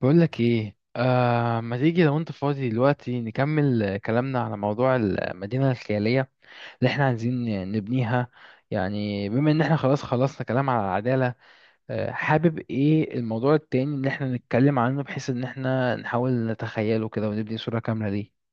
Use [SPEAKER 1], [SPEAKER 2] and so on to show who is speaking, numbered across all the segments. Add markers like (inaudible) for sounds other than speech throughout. [SPEAKER 1] بقول لك ايه، ما تيجي لو انت فاضي دلوقتي؟ نكمل كلامنا على موضوع المدينة الخيالية اللي احنا عايزين نبنيها. يعني بما ان احنا خلاص خلصنا كلام على العدالة، حابب ايه الموضوع التاني اللي احنا نتكلم عنه بحيث ان احنا نحاول نتخيله كده ونبني صورة كاملة ليه؟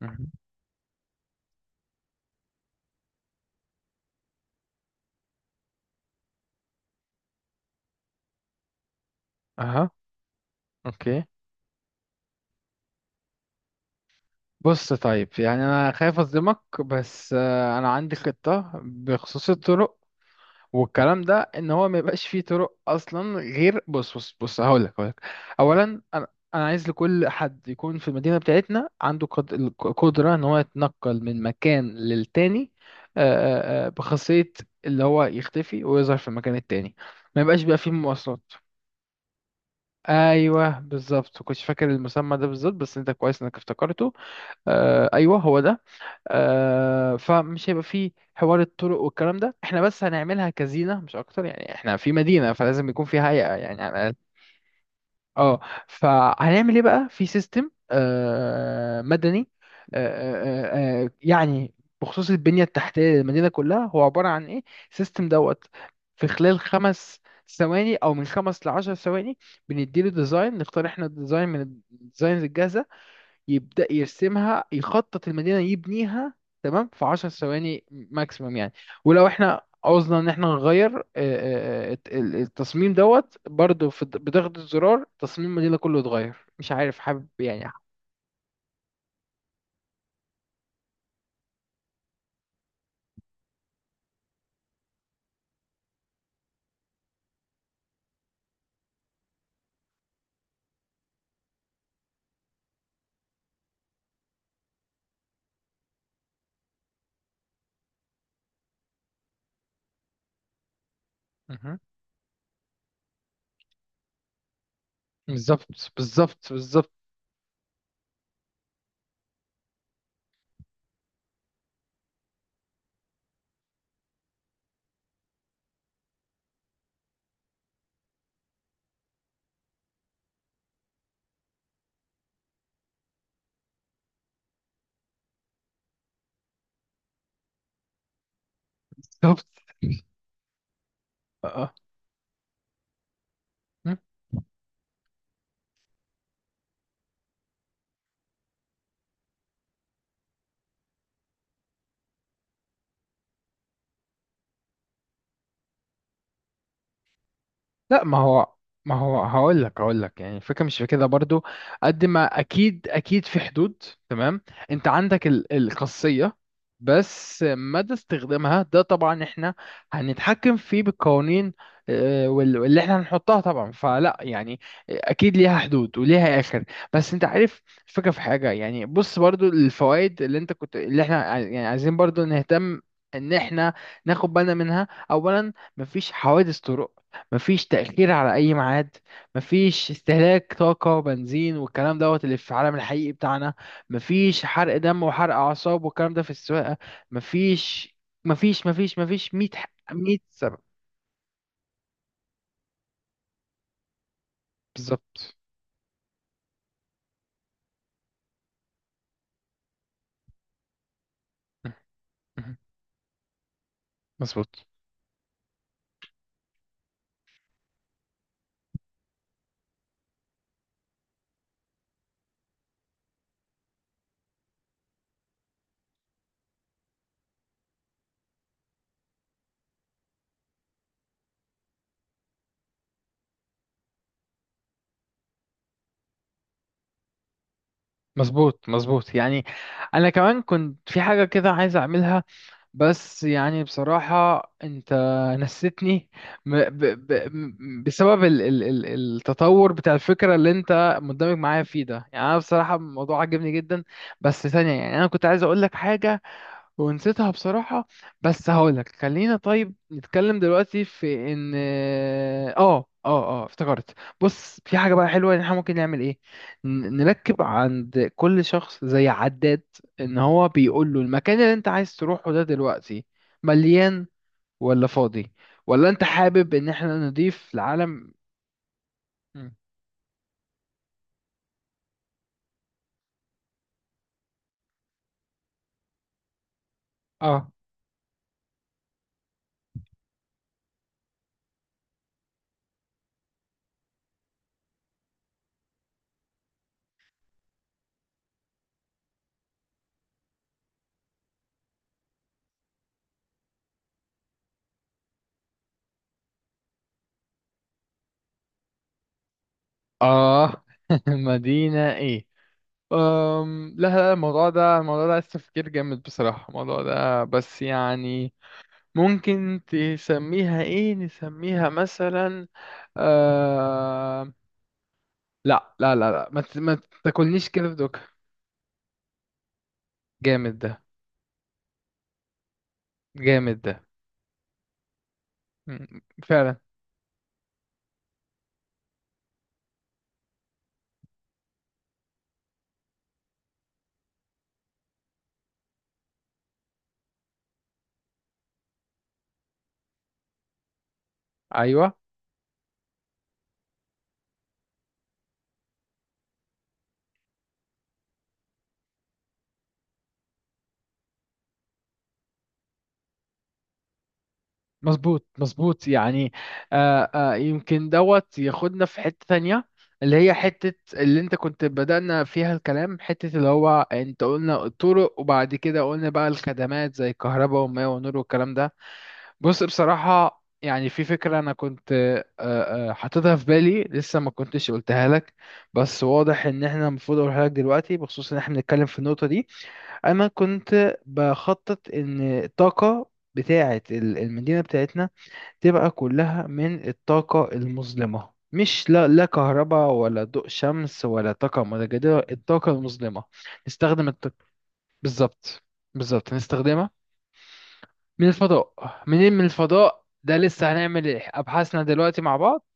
[SPEAKER 1] مهم. اها. اوكي. بص، طيب، يعني انا خايف اصدمك بس انا عندي خطة بخصوص الطرق والكلام ده، ان هو ما يبقاش فيه طرق اصلا، غير بص بص بص، هقول لك. اولا انا انا عايز لكل حد يكون في المدينه بتاعتنا عنده القدره ان هو يتنقل من مكان للتاني، بخاصيه اللي هو يختفي ويظهر في المكان التاني، ما يبقاش بقى فيه مواصلات. ايوه بالظبط، كنتش فاكر المسمى ده بالظبط بس انت كويس انك افتكرته. ايوه هو ده. فمش هيبقى فيه حوار الطرق والكلام ده، احنا بس هنعملها كزينة مش اكتر، يعني احنا في مدينة فلازم يكون فيها هيئة يعني على الاقل. اه، فهنعمل ايه بقى في سيستم مدني؟ آه آه يعني بخصوص البنية التحتية للمدينة كلها هو عبارة عن ايه؟ سيستم دوت، في خلال 5 ثواني او من 5 لـ10 ثواني بنديله ديزاين، نختار احنا الديزاين من الديزاينز الجاهزة، يبدأ يرسمها يخطط المدينة يبنيها، تمام، في 10 ثواني ماكسيمم يعني. ولو احنا عوزنا ان احنا نغير التصميم دوت، برضو في بضغط الزرار تصميم المدينة كله اتغير، مش عارف حابب يعني. مهم. بالظبط، بالظبط، بالظبط، بالظبط. (laughs) اه. لا، ما هو هقول لك، يعني الفكره مش في كده برضو، قد ما اكيد اكيد في حدود، تمام. انت عندك الخاصيه، بس مدى استخدامها ده طبعا احنا هنتحكم فيه بالقوانين، واللي احنا هنحطها طبعا، فلا يعني اكيد ليها حدود وليها اخر. بس انت عارف الفكره في حاجه، يعني بص برضو الفوائد اللي انت كنت، اللي احنا يعني عايزين برضو نهتم ان احنا ناخد بالنا منها. اولا مفيش حوادث طرق، مفيش تأخير على أي ميعاد، مفيش استهلاك طاقة وبنزين والكلام دوت اللي في العالم الحقيقي بتاعنا، مفيش حرق دم وحرق أعصاب والكلام ده في السواقة، مفيش مفيش مية سبب. بالظبط، مظبوط مظبوط مظبوط، يعني أنا كمان كنت في حاجة كده عايز أعملها بس يعني بصراحة انت نسيتني. بسبب ال التطور بتاع الفكرة اللي انت مندمج معايا فيه ده، يعني انا بصراحة الموضوع عجبني جدا بس ثانية، يعني انا كنت عايز اقول لك حاجة ونسيتها بصراحة. بس هقولك خلينا طيب نتكلم دلوقتي في ان اه افتكرت. بص، في حاجة بقى حلوة ان احنا ممكن نعمل ايه، نركب عند كل شخص زي عداد، ان هو بيقول له المكان اللي انت عايز تروحه ده دلوقتي مليان ولا فاضي، ولا انت حابب ان احنا نضيف العالم. مم. اه اه. (laughs) مدينة ايه؟ لا لا، الموضوع ده عايز تفكير جامد بصراحة الموضوع ده، بس يعني ممكن تسميها ايه؟ نسميها مثلا آه... لا لا لا لا، ما تاكلنيش كده في دوكا. جامد ده، جامد ده. م- فعلا. ايوه، مظبوط مظبوط، يعني يمكن دوت ياخدنا في حتة تانية، اللي هي حتة اللي انت كنت بدأنا فيها الكلام، حتة اللي هو انت قلنا الطرق، وبعد كده قلنا بقى الخدمات زي الكهرباء والماء والنور والكلام ده. بص، بصراحة يعني في فكرة أنا كنت حاططها في بالي لسه ما كنتش قلتها لك، بس واضح إن إحنا المفروض أقولها لك دلوقتي بخصوص إن إحنا بنتكلم في النقطة دي. أنا كنت بخطط إن الطاقة بتاعة المدينة بتاعتنا تبقى كلها من الطاقة المظلمة، مش لا لا كهرباء ولا ضوء شمس ولا طاقة متجددة، الطاقة المظلمة نستخدم الط... بالظبط، بالظبط نستخدمها. من الفضاء. منين من الفضاء ده؟ لسه هنعمل إيه؟ أبحاثنا دلوقتي مع بعض.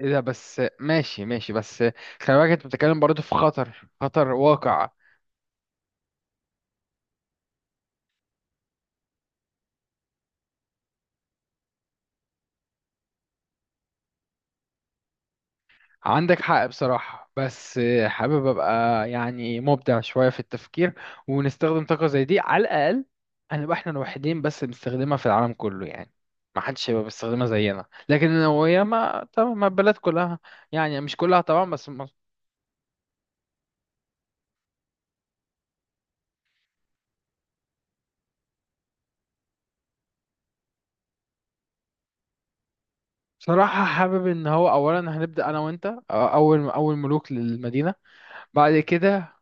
[SPEAKER 1] إيه ده بس؟ ماشي ماشي، بس خلي بالك أنت بتتكلم برضه في خطر، خطر واقع. عندك حق بصراحة، بس حابب أبقى يعني مبدع شوية في التفكير، ونستخدم طاقة زي دي، على الأقل هنبقى إحنا الوحيدين بس بنستخدمها في العالم كله يعني، ما حدش هيبقى بيستخدمها زينا، لكن النووية ما طبعا ما البلد كلها، يعني مش كلها طبعا بس بصراحة حابب إن هو أولا هنبدأ أنا وأنت أول أول ملوك للمدينة بعد كده.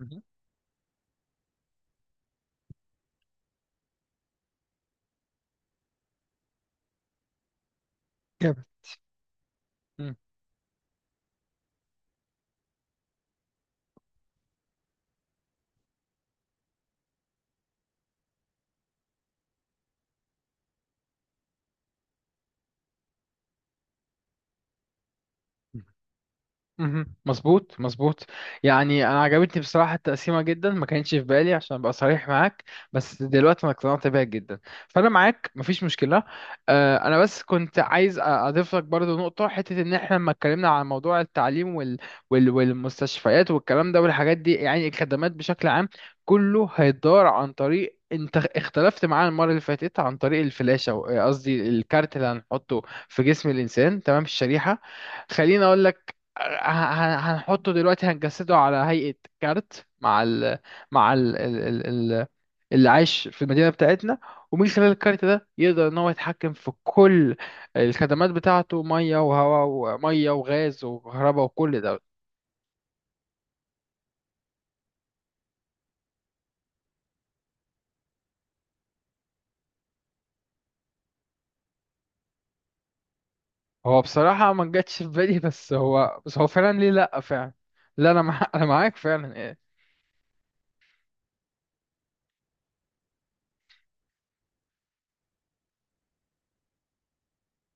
[SPEAKER 1] مهم. جامد. مهم. مظبوط مظبوط، يعني انا عجبتني بصراحه التقسيمه جدا، ما كانتش في بالي عشان ابقى صريح معاك، بس دلوقتي انا اقتنعت بيها جدا، فانا معاك مفيش مشكله. انا بس كنت عايز اضيف لك برضو نقطه، حته ان احنا لما اتكلمنا عن موضوع التعليم والمستشفيات والكلام ده والحاجات دي، يعني الخدمات بشكل عام كله هيدار عن طريق، انت اختلفت معانا المره اللي فاتت، عن طريق الفلاشه قصدي الكارت اللي هنحطه في جسم الانسان، تمام، الشريحه، خليني اقول هنحطه دلوقتي. هنجسده على هيئة كارت مع ال مع ال ال ال ال اللي عايش في المدينة بتاعتنا، ومن خلال الكارت ده يقدر ان هو يتحكم في كل الخدمات بتاعته، مية وهواء ومية وغاز وكهرباء وكل ده. هو بصراحة ما جاتش في بالي، بس هو فعلا ليه لأ، فعلا لا، انا مع... (laughs) انا معاك فعلا إيه.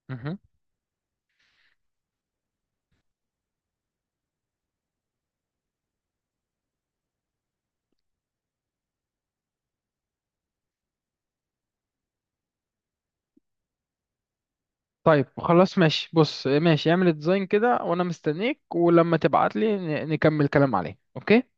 [SPEAKER 1] مهم. طيب خلاص ماشي، بص ماشي اعمل ديزاين كده وانا مستنيك، ولما تبعت لي نكمل كلام عليه، اوكي.